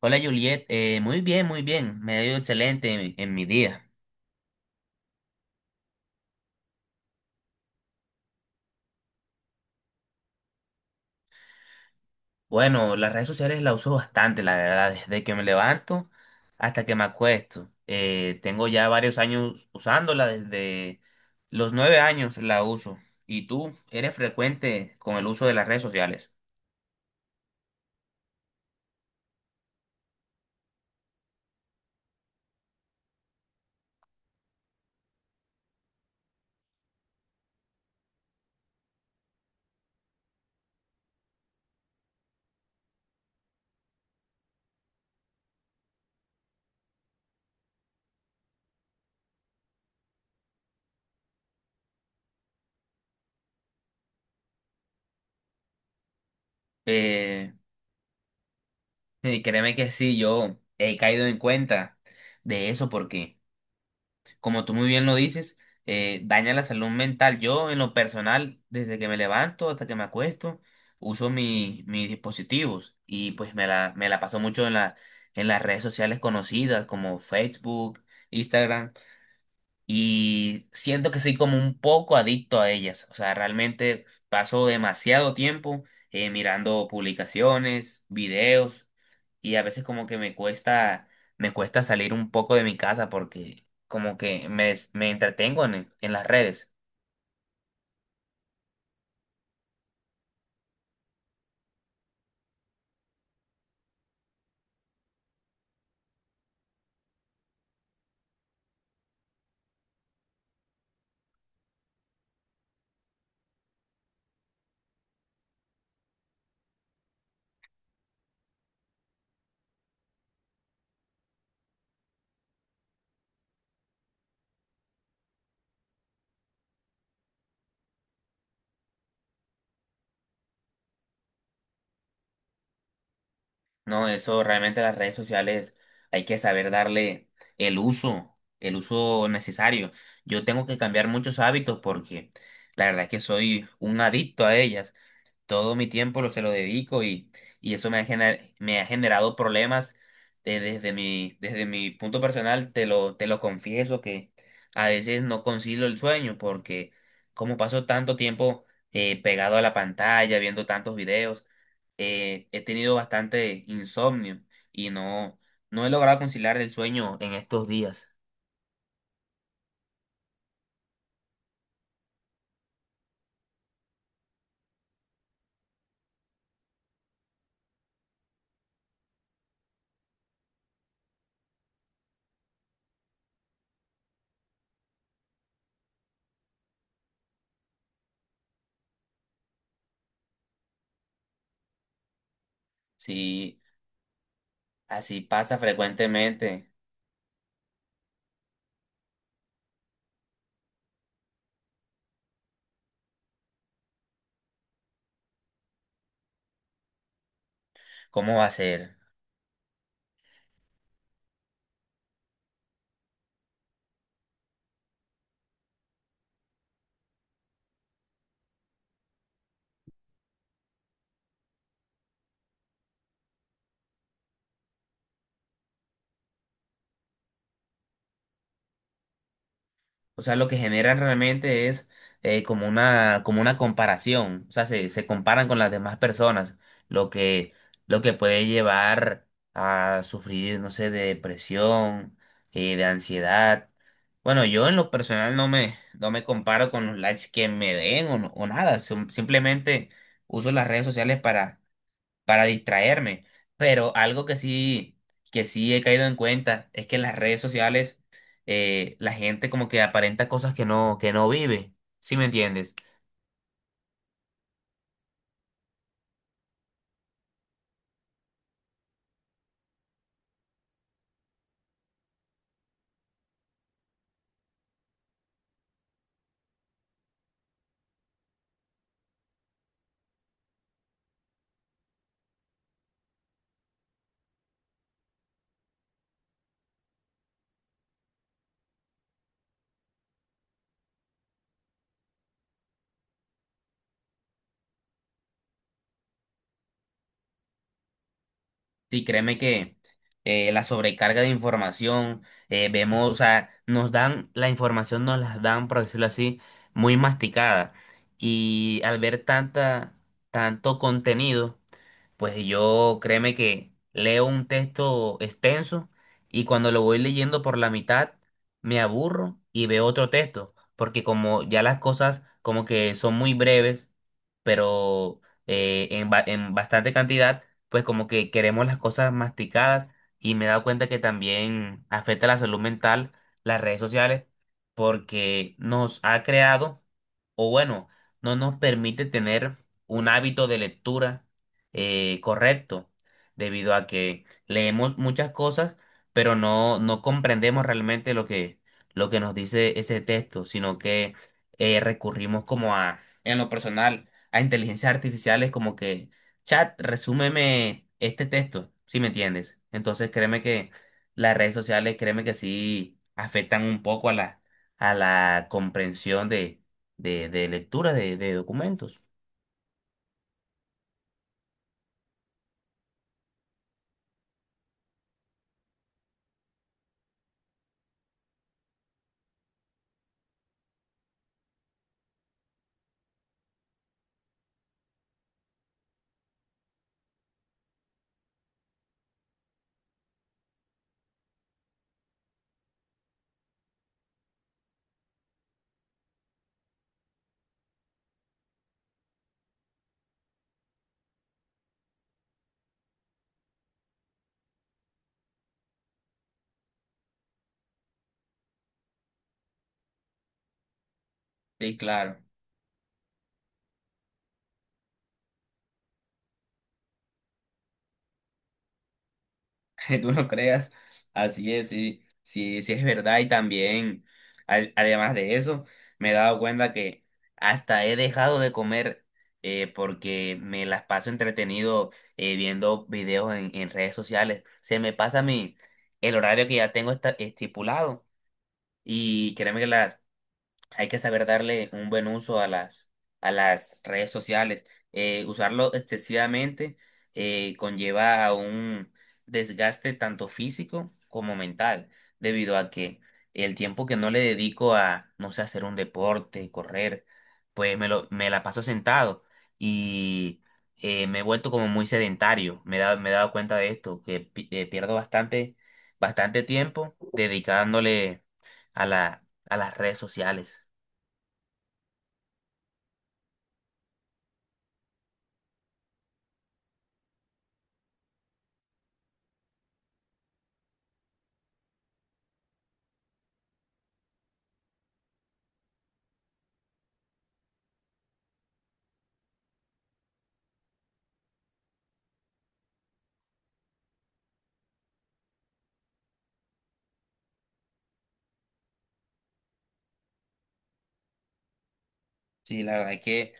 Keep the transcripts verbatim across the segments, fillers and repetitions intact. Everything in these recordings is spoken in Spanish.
Hola Juliet. Eh, muy bien, muy bien, me ha ido excelente en, en mi día. Bueno, las redes sociales las uso bastante, la verdad, desde que me levanto hasta que me acuesto. Eh, tengo ya varios años usándola, desde los nueve años la uso. ¿Y tú eres frecuente con el uso de las redes sociales? Eh, y créeme que sí, yo he caído en cuenta de eso porque... como tú muy bien lo dices, eh, daña la salud mental. Yo, en lo personal, desde que me levanto hasta que me acuesto, uso mi- mis dispositivos y pues me la, me la paso mucho en la, en las redes sociales conocidas como Facebook, Instagram, y siento que soy como un poco adicto a ellas. O sea, realmente paso demasiado tiempo eh, mirando publicaciones, videos, y a veces como que me cuesta, me cuesta salir un poco de mi casa porque como que me, des- me entretengo en, en las redes, ¿no? Eso realmente las redes sociales hay que saber darle el uso, el uso necesario. Yo tengo que cambiar muchos hábitos porque la verdad es que soy un adicto a ellas. Todo mi tiempo lo, se lo dedico y, y eso me ha, gener- me ha generado problemas de- desde mi, desde mi punto personal, te lo, te lo confieso que a veces no concilio el sueño porque como paso tanto tiempo eh, pegado a la pantalla, viendo tantos videos. Eh, he tenido bastante insomnio y no, no he logrado conciliar el sueño en estos días. Sí, así pasa frecuentemente. ¿Cómo va a ser? O sea, lo que generan realmente es eh, como una, como una comparación. O sea, se, se comparan con las demás personas, lo que, lo que puede llevar a sufrir, no sé, de depresión, eh, de ansiedad. Bueno, yo en lo personal no me, no me comparo con los likes que me den o, no- o nada. Sim- simplemente uso las redes sociales para para distraerme. Pero algo que sí, que sí he caído en cuenta es que en las redes sociales eh, la gente como que aparenta cosas que no, que no vive. ¿Sí me entiendes? Sí, créeme que eh, la sobrecarga de información, eh, vemos, o sea, nos dan, la información nos las dan, por decirlo así, muy masticada. Y al ver tanta, tanto contenido, pues yo créeme que leo un texto extenso y cuando lo voy leyendo por la mitad me aburro y veo otro texto, porque como ya las cosas como que son muy breves, pero eh, en, ba- en bastante cantidad, pues como que queremos las cosas masticadas y me he dado cuenta que también afecta la salud mental las redes sociales porque nos ha creado, o bueno, no nos permite tener un hábito de lectura eh, correcto, debido a que leemos muchas cosas, pero no, no comprendemos realmente lo que, lo que nos dice ese texto, sino que eh, recurrimos como a, en lo personal, a inteligencias artificiales como que, chat, resúmeme este texto, si me entiendes. Entonces créeme que las redes sociales, créeme que sí afectan un poco a la, a la comprensión de, de, de lectura de, de documentos. Sí, claro. Tú no creas, así es, sí, sí, sí es verdad y también, al- además de eso, me he dado cuenta que hasta he dejado de comer eh, porque me las paso entretenido eh, viendo videos en, en redes sociales. Se me pasa mi, el horario que ya tengo esta- estipulado y créeme que las, hay que saber darle un buen uso a las, a las redes sociales. Eh, usarlo excesivamente eh, conlleva a un desgaste tanto físico como mental, debido a que el tiempo que no le dedico a, no sé, hacer un deporte, correr, pues me lo, me la paso sentado y eh, me he vuelto como muy sedentario. Me he dado, me he dado cuenta de esto, que pi- eh, pierdo bastante, bastante tiempo dedicándole a la, a las redes sociales. Sí, la verdad es que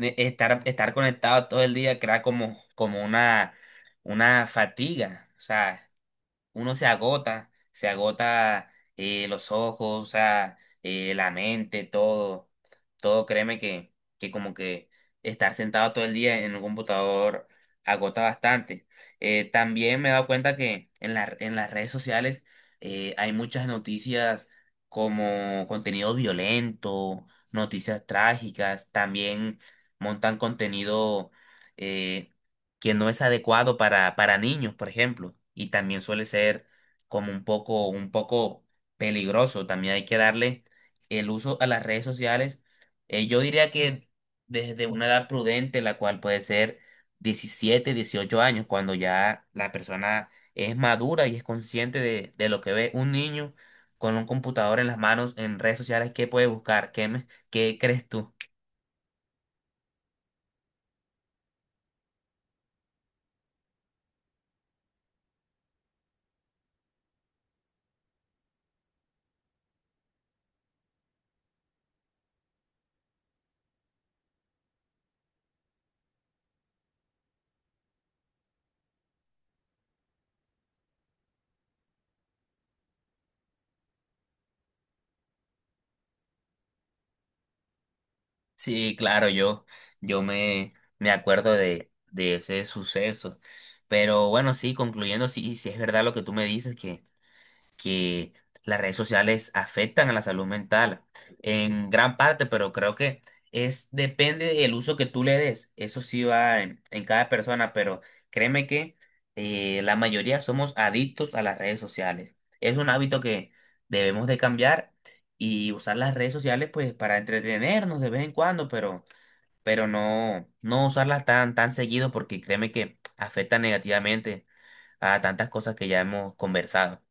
eh, estar, estar conectado todo el día crea como, como una, una fatiga. O sea, uno se agota, se agota eh, los ojos, o sea, eh, la mente, todo, todo, créeme que, que como que estar sentado todo el día en un computador agota bastante. Eh, también me he dado cuenta que en la- en las redes sociales eh, hay muchas noticias como contenido violento, noticias trágicas, también montan contenido... eh, que no es adecuado para, para niños, por ejemplo, y también suele ser como un poco, un poco peligroso. También hay que darle el uso a las redes sociales. Eh, yo diría que desde una edad prudente, la cual puede ser diecisiete, dieciocho años, cuando ya la persona es madura y es consciente de, de lo que ve un niño con un computador en las manos en redes sociales, ¿qué puede buscar? ¿Qué, me- qué crees tú? Sí, claro, yo, yo me, me acuerdo de, de ese suceso. Pero bueno, sí, concluyendo, sí, sí es verdad lo que tú me dices, que las redes sociales afectan a la salud mental en gran parte, pero creo que es depende del uso que tú le des. Eso sí va en, en cada persona, pero créeme que eh, la mayoría somos adictos a las redes sociales. Es un hábito que debemos de cambiar y usar las redes sociales pues para entretenernos de vez en cuando, pero pero no no usarlas tan tan seguido porque créeme que afecta negativamente a tantas cosas que ya hemos conversado.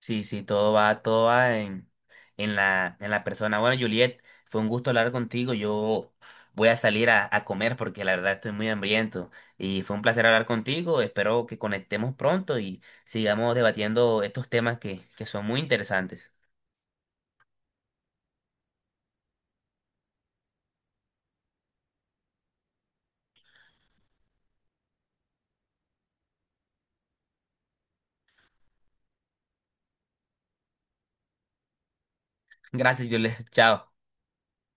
Sí, sí, todo va, todo va en, en la, en la persona. Bueno, Juliet, fue un gusto hablar contigo. Yo voy a salir a, a comer porque la verdad estoy muy hambriento. Y fue un placer hablar contigo. Espero que conectemos pronto y sigamos debatiendo estos temas que, que son muy interesantes. Gracias, Juliet. Chao.